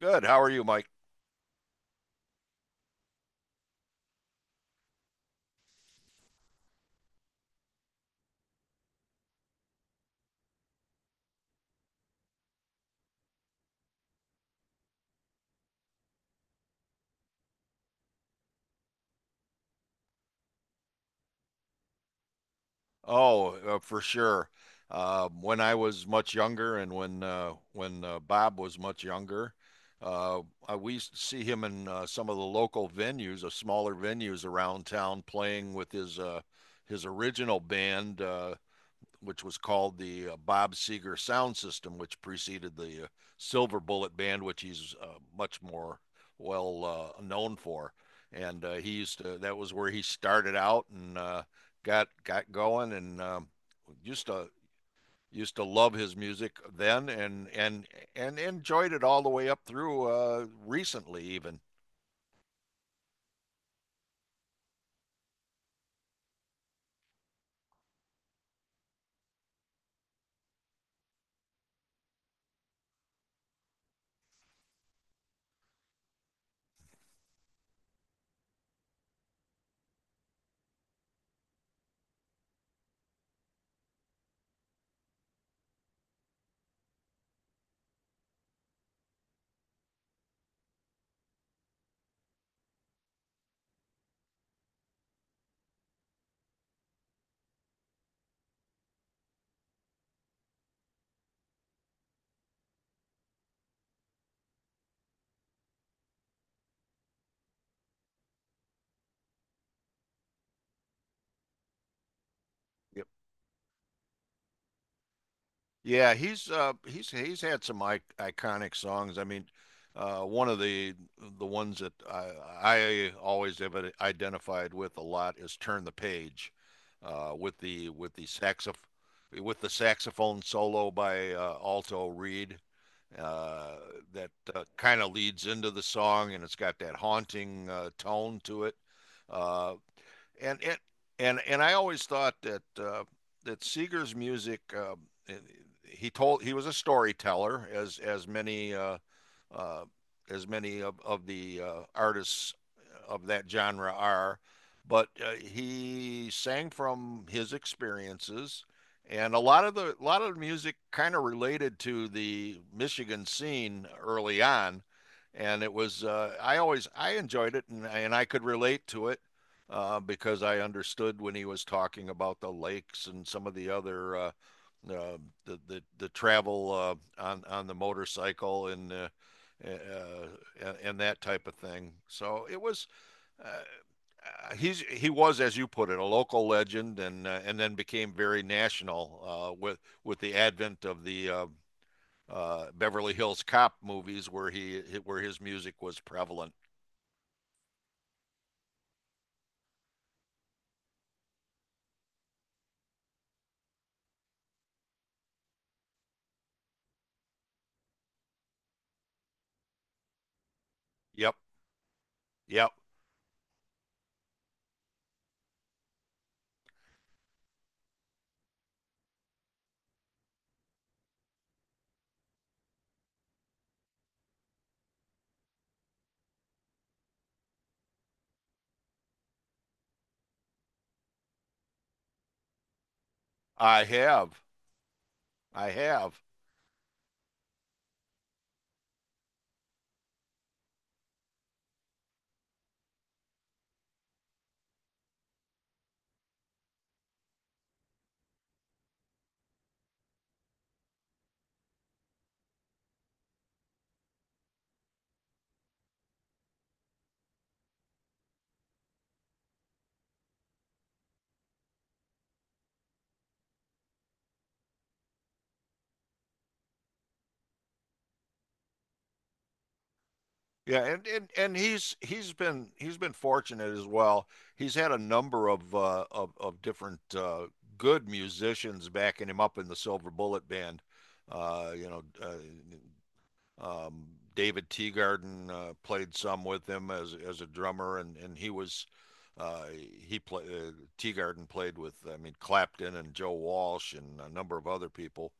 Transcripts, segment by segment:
Good. How are you, Mike? Oh, for sure. When I was much younger, and when Bob was much younger, uh, we used to see him in some of the local venues, the smaller venues around town, playing with his original band. Which was called the Bob Seger sound system, which preceded the Silver Bullet band, which he's much more well known for. And he used to, that was where he started out and got going, and used to used to love his music then, and enjoyed it all the way up through recently, even. Yeah, he's he's had some I iconic songs. I mean, one of the ones that I always have identified with a lot is Turn the Page with the saxoph with the saxophone solo by Alto Reed uh that kind of leads into the song, and it's got that haunting tone to it. Uh and it and I always thought that that Seeger's music. He told he was a storyteller, as uh, as many of the artists of that genre are. But he sang from his experiences, and a lot of the music kind of related to the Michigan scene early on, and it was, I always I enjoyed it, and I could relate to it because I understood when he was talking about the lakes and some of the other uh, the travel on the motorcycle uh, and that type of thing. So it was. Uh, he's he was, as you put it, a local legend, and then became very national with the advent of the Beverly Hills Cop movies, where he where his music was prevalent. Yep, yep. I have, I have. Yeah, and he's been he's been fortunate as well. He's had a number of of different good musicians backing him up in the Silver Bullet Band. Uh, you know, uh, um, David Teagarden played some with him as a drummer, and he was, uh, he played, Teagarden played with, I mean, Clapton and Joe Walsh and a number of other people,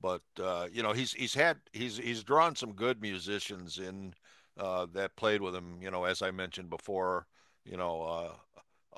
but you know he's had he's drawn some good musicians in that played with him. You know, as I mentioned before, you know,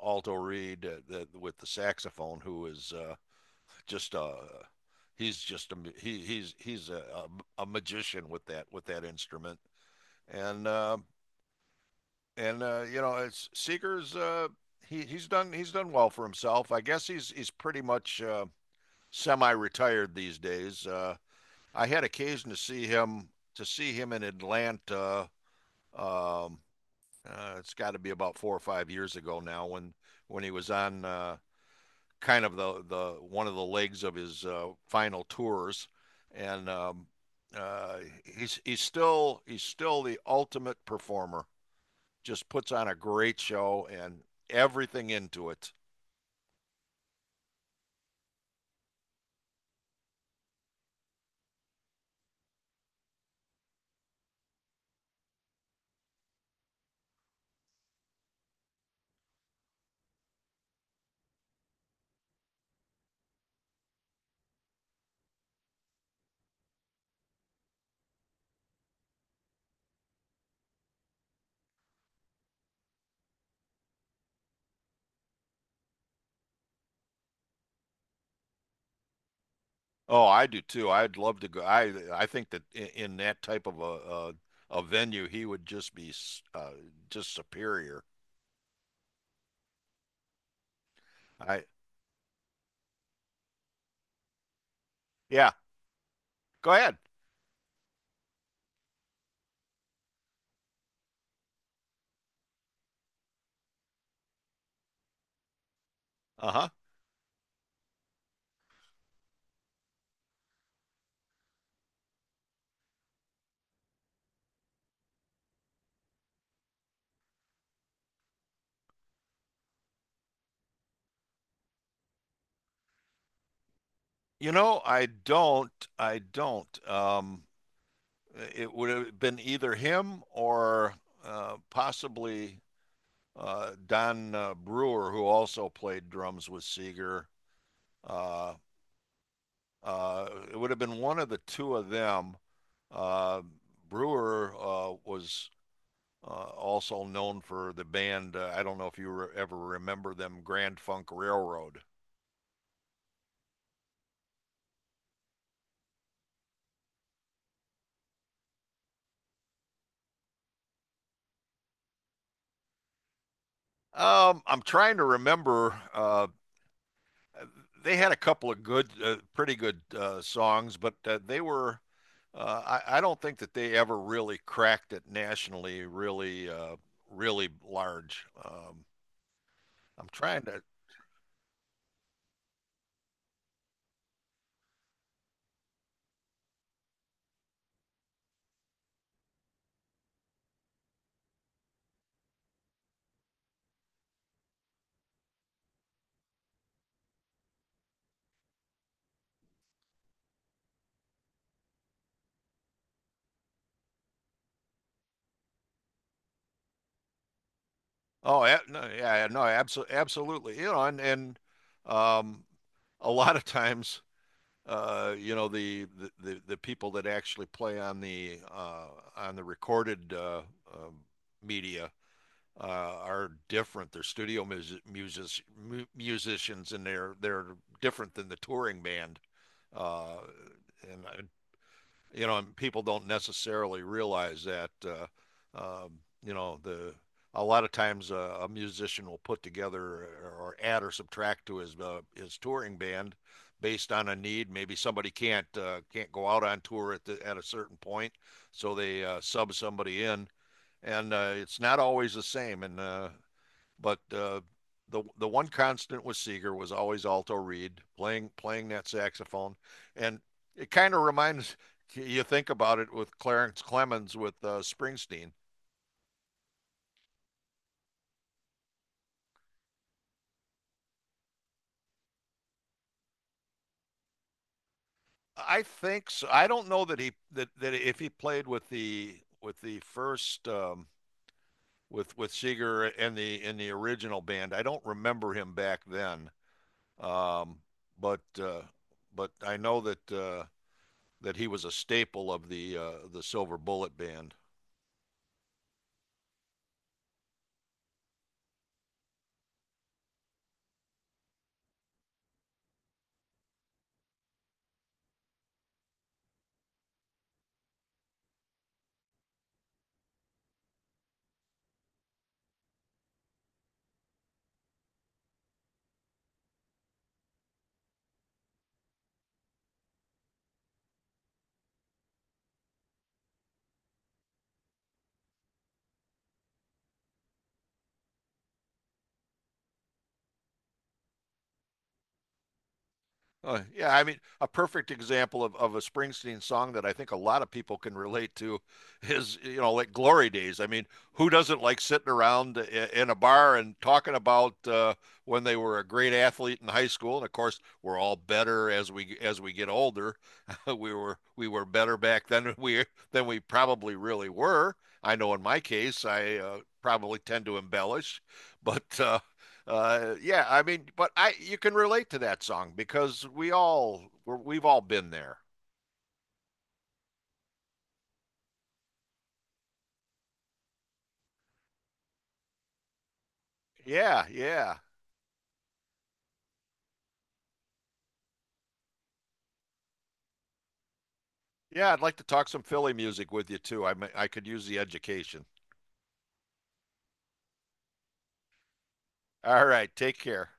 Alto Reed, the, with the saxophone, who is, just a, he's just a, he's a magician with that instrument, and uh, and you know it's Seeger's, he he's done well for himself. I guess he's pretty much semi-retired these days. I had occasion to see him in Atlanta, um, it's got to be about 4 or 5 years ago now when he was on. Kind of the one of the legs of his final tours, and uh, he's still he's still the ultimate performer. Just puts on a great show and everything into it. Oh, I do too. I'd love to go. I think that in that type of a venue, he would just be, uh, just superior. I Yeah. Go ahead. Uh huh. You know, I don't. I don't. It would have been either him or possibly Don Brewer, who also played drums with Seeger. Uh, it would have been one of the two of them. Uh, Brewer was also known for the band. I don't know if you ever remember them, Grand Funk Railroad. I'm trying to remember, they had a couple of good, pretty good songs, but they were. I don't think that they ever really cracked it nationally, really, really large. I'm trying to. Oh, no, yeah, no, absolutely, absolutely. You know, and, um, a lot of times, you know, the people that actually play on the recorded um media are different. They're studio music, music musicians, and they're different than the touring band. Uh, and you know, and people don't necessarily realize that, um, you know, the a lot of times a musician will put together or add or subtract to his touring band based on a need. Maybe somebody can't go out on tour at a certain point, so they sub somebody in, and it's not always the same. And but the one constant with Seeger was always alto reed playing that saxophone, and it kind of reminds you, think about it with Clarence Clemens with Springsteen. I think so. I don't know that if he played with the first, with Seeger and the in the original band. I don't remember him back then, um, but uh, but I know that that he was a staple of the Silver Bullet band. Yeah, I mean, a perfect example of a Springsteen song that I think a lot of people can relate to is, you know, like Glory Days. I mean, who doesn't like sitting around in a bar and talking about when they were a great athlete in high school? And of course, we're all better as we get older. We were better back then than we probably really were. I know in my case, I probably tend to embellish, but yeah, I mean, but I you can relate to that song because we've all been there. Yeah, yeah, yeah. I'd like to talk some Philly music with you too. I could use the education. All right, take care.